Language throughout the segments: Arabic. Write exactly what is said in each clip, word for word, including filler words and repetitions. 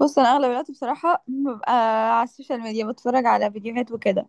بص انا اغلب الوقت بصراحه ببقى على السوشيال ميديا بتفرج على فيديوهات وكده.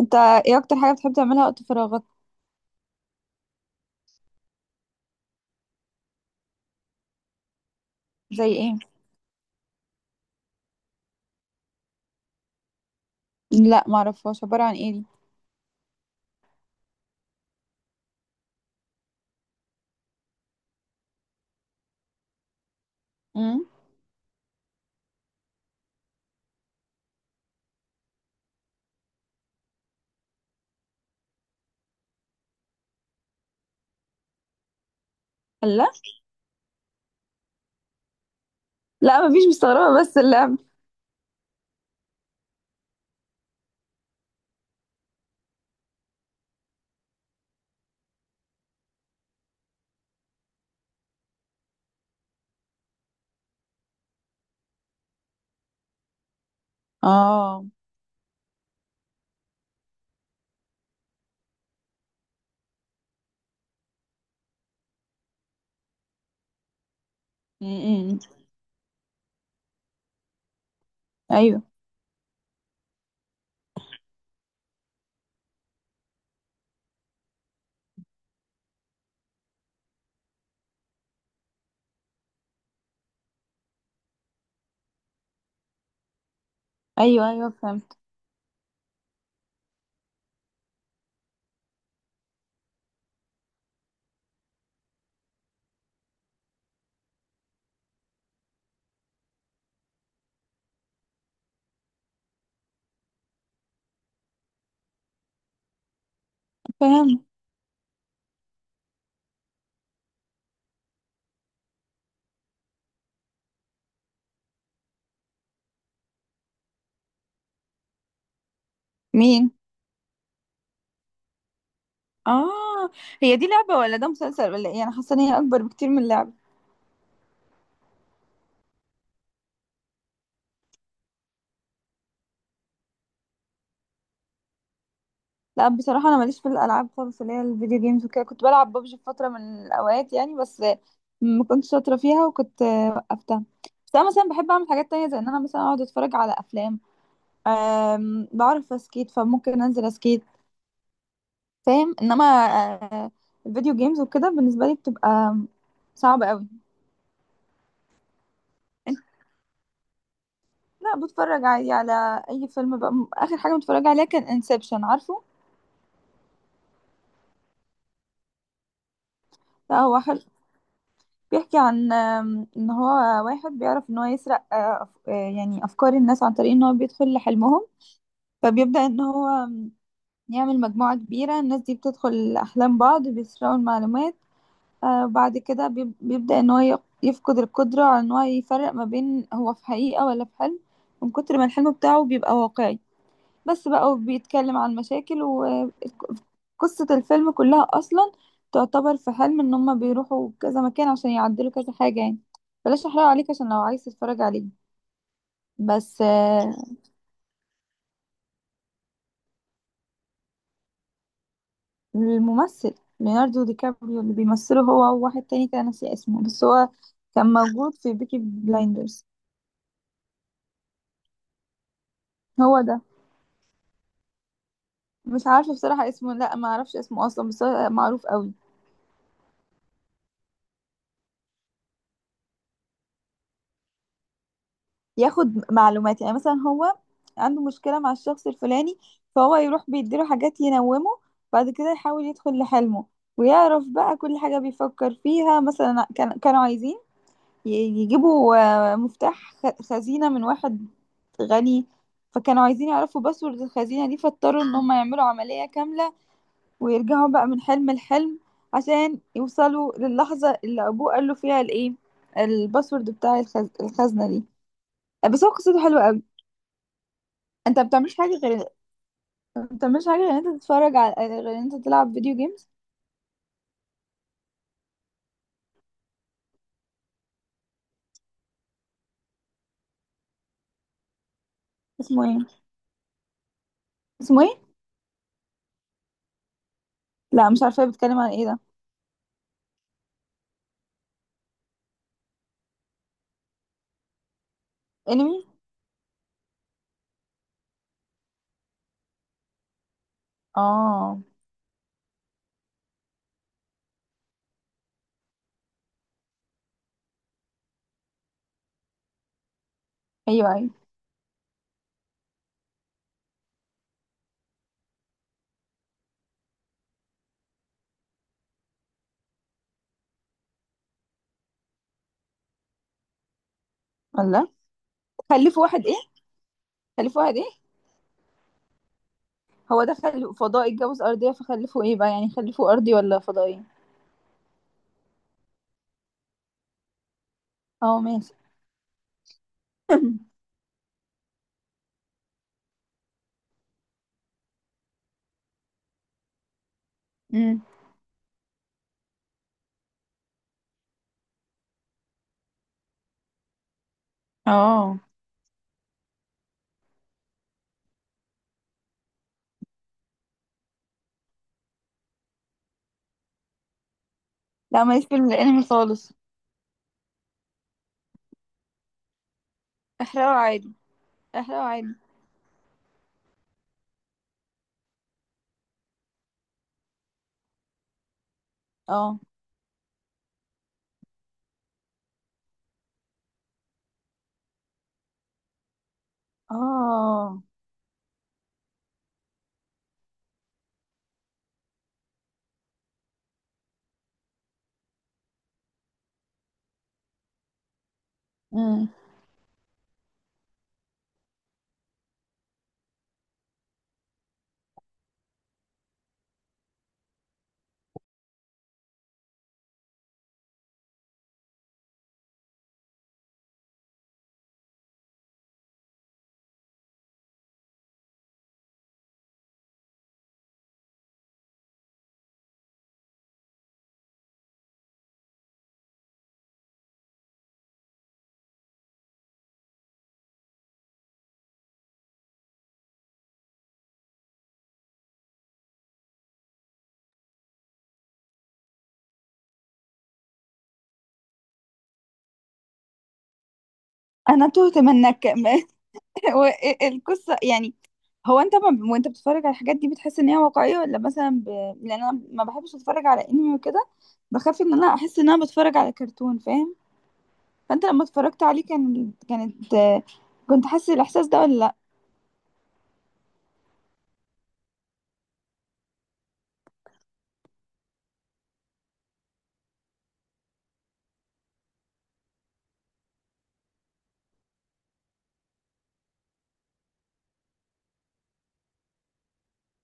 انت ايه اكتر حاجه بتحب تعملها وقت فراغك؟ زي ايه؟ لا ما اعرفهاش، عباره عن ايه دي؟ امم. لا لا، مفيش، مستغربه بس اللعب. اه. امم. ايوه ايوه ايوه فهمت. فهمت. مين؟ اه. هي دي لعبه ولا ده مسلسل ولا ايه؟ انا حاسه ان هي اكبر بكتير من لعبه. لا، بصراحة أنا ماليش في الألعاب خالص، اللي هي الفيديو جيمز وكده. كنت بلعب ببجي في فترة من الأوقات يعني، بس ما كنتش شاطرة فيها وكنت وقفتها. بس أنا مثلا بحب أعمل حاجات تانية، زي إن أنا مثلا أقعد أتفرج على أفلام. أم، بعرف أسكيت فممكن أنزل أسكيت، فاهم؟ إنما آه، الفيديو جيمز وكده بالنسبة لي بتبقى صعبة قوي. لا بتفرج عادي على أي فيلم بقى. م- آخر حاجة متفرجة عليها كان انسبشن، عارفه؟ لا هو حلو. بيحكي عن آم، ان هو واحد بيعرف ان هو يسرق آه، أف- آه، يعني افكار الناس عن طريق ان هو بيدخل لحلمهم. فبيبدأ ان هو آم، يعمل مجموعة كبيرة. الناس دي بتدخل احلام بعض بيسرقوا المعلومات. آه، بعد كده بيب- بيبدأ ان هو ي- يفقد القدرة على ان هو يفرق ما بين هو في حقيقة ولا في حلم، من كتر ما الحلم بتاعه بيبقى واقعي. بس بقى، وبيتكلم عن مشاكل. وقصة الفيلم كلها أصلا تعتبر في حلم، إن هما بيروحوا كذا مكان عشان يعدلوا كذا حاجة يعني. بلاش أحرق عليك عشان لو عايز تتفرج عليه. بس آه، الممثل ليوناردو دي كابريو اللي بيمثله، هو وواحد تاني كان ناسي اسمه، بس هو كان موجود في بيكي بلايندرز. هو ده. مش عارفة بصراحة اسمه، لا ما اعرفش اسمه أصلا بس هو معروف قوي. ياخد معلومات. يعني مثلا هو عنده مشكلة مع الشخص الفلاني، فهو يروح بيديله حاجات ينومه، بعد كده يحاول يدخل لحلمه ويعرف بقى كل حاجة بيفكر فيها. مثلا كان كانوا عايزين ي- يجيبوا آه، مفتاح خ- خزينة من واحد غني. فكانوا عايزين يعرفوا باسورد الخزينة دي، فاضطروا ان هم يعملوا عملية كاملة، ويرجعوا بقى من حلم لحلم عشان يوصلوا للحظة اللي ابوه قال له فيها الايه، الباسورد بتاع الخز... الخزنة دي. بس هو قصته حلوة قوي. انت ما بتعملش حاجه غير ما بتعملش حاجه غير ان انت تتفرج، على غير ان انت تلعب فيديو جيمز؟ اسمه ايه؟ اسمه ايه؟ لا مش عارفه، بتتكلم عن ايه ده؟ انمي. اه. ايوه ايوه. الله. خلفوا واحد ايه؟ خلفوا واحد ايه؟ هو ده خل... فضائي اتجوز ارضيه فخلفوا ايه بقى؟ يعني خلفوا ارضي ولا فضائي؟ اه ماشي. امم. اه. لا ماليش في الانمي خالص. احرقه عادي. احرقه عادي. اه. اه. امم. انا تهت منك. القصه يعني. هو انت، ما وانت بتتفرج على الحاجات دي، بتحس ان هي واقعيه، ولا مثلا ب... لان انا ما بحبش اتفرج على انمي وكده، بخاف ان انا احس ان انا بتفرج على كرتون، فاهم؟ فانت لما اتفرجت عليه كان كانت كنت حاسس الاحساس ده ولا لا؟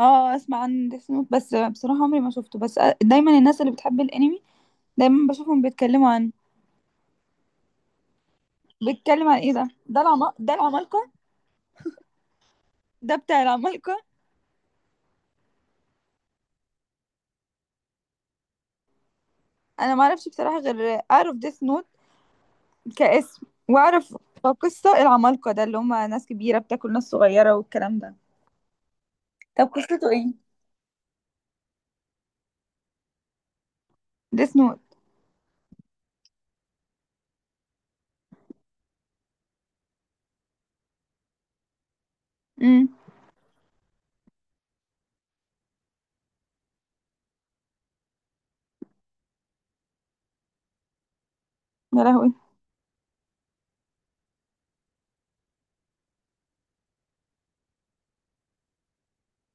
اه، اسمع عن ديث نوت بس بصراحه عمري ما شفته. بس دايما الناس اللي بتحب الانمي دايما بشوفهم بيتكلموا عنه. بيتكلم عن ايه ده؟ ده العم... ده العمالقه؟ ده بتاع العمالقه؟ انا ما اعرفش بصراحه غير اعرف ديث نوت كاسم، واعرف قصة العمالقة، ده اللي هما ناس كبيرة بتاكل ناس صغيرة والكلام ده. طب قصته ايه؟ ديس نوت. امم. يا لهوي.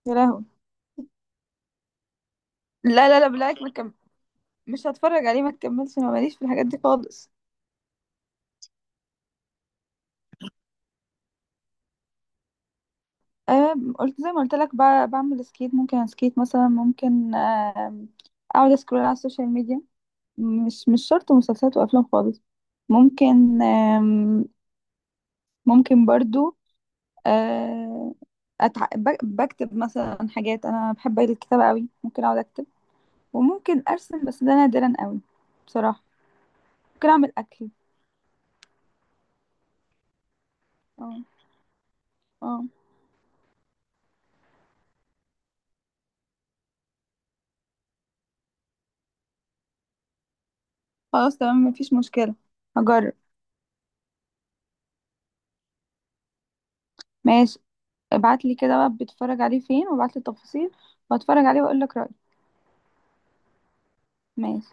يا لهوي. لا لا لا، بلاك ما كم... مش هتفرج عليه ما تكملش، انا ماليش في الحاجات دي خالص. أه. قلت زي ما قلت لك ب- بعمل سكيت، ممكن اسكيت مثلا. ممكن آم، اقعد اسكرول على السوشيال ميديا. مش مش شرط مسلسلات وافلام خالص. ممكن آم، ممكن برضو آه، أتع... ب- بكتب مثلا حاجات. انا بحب الكتابه قوي، ممكن اقعد اكتب. وممكن ارسم بس ده نادرا قوي بصراحه. ممكن اعمل اكل. اه. اه. خلاص تمام، مفيش مشكله. هجرب. ماشي، ابعت لي كده بقى بتتفرج عليه فين، وابعت لي التفاصيل، وهتفرج عليه واقول لك رايي. ماشي.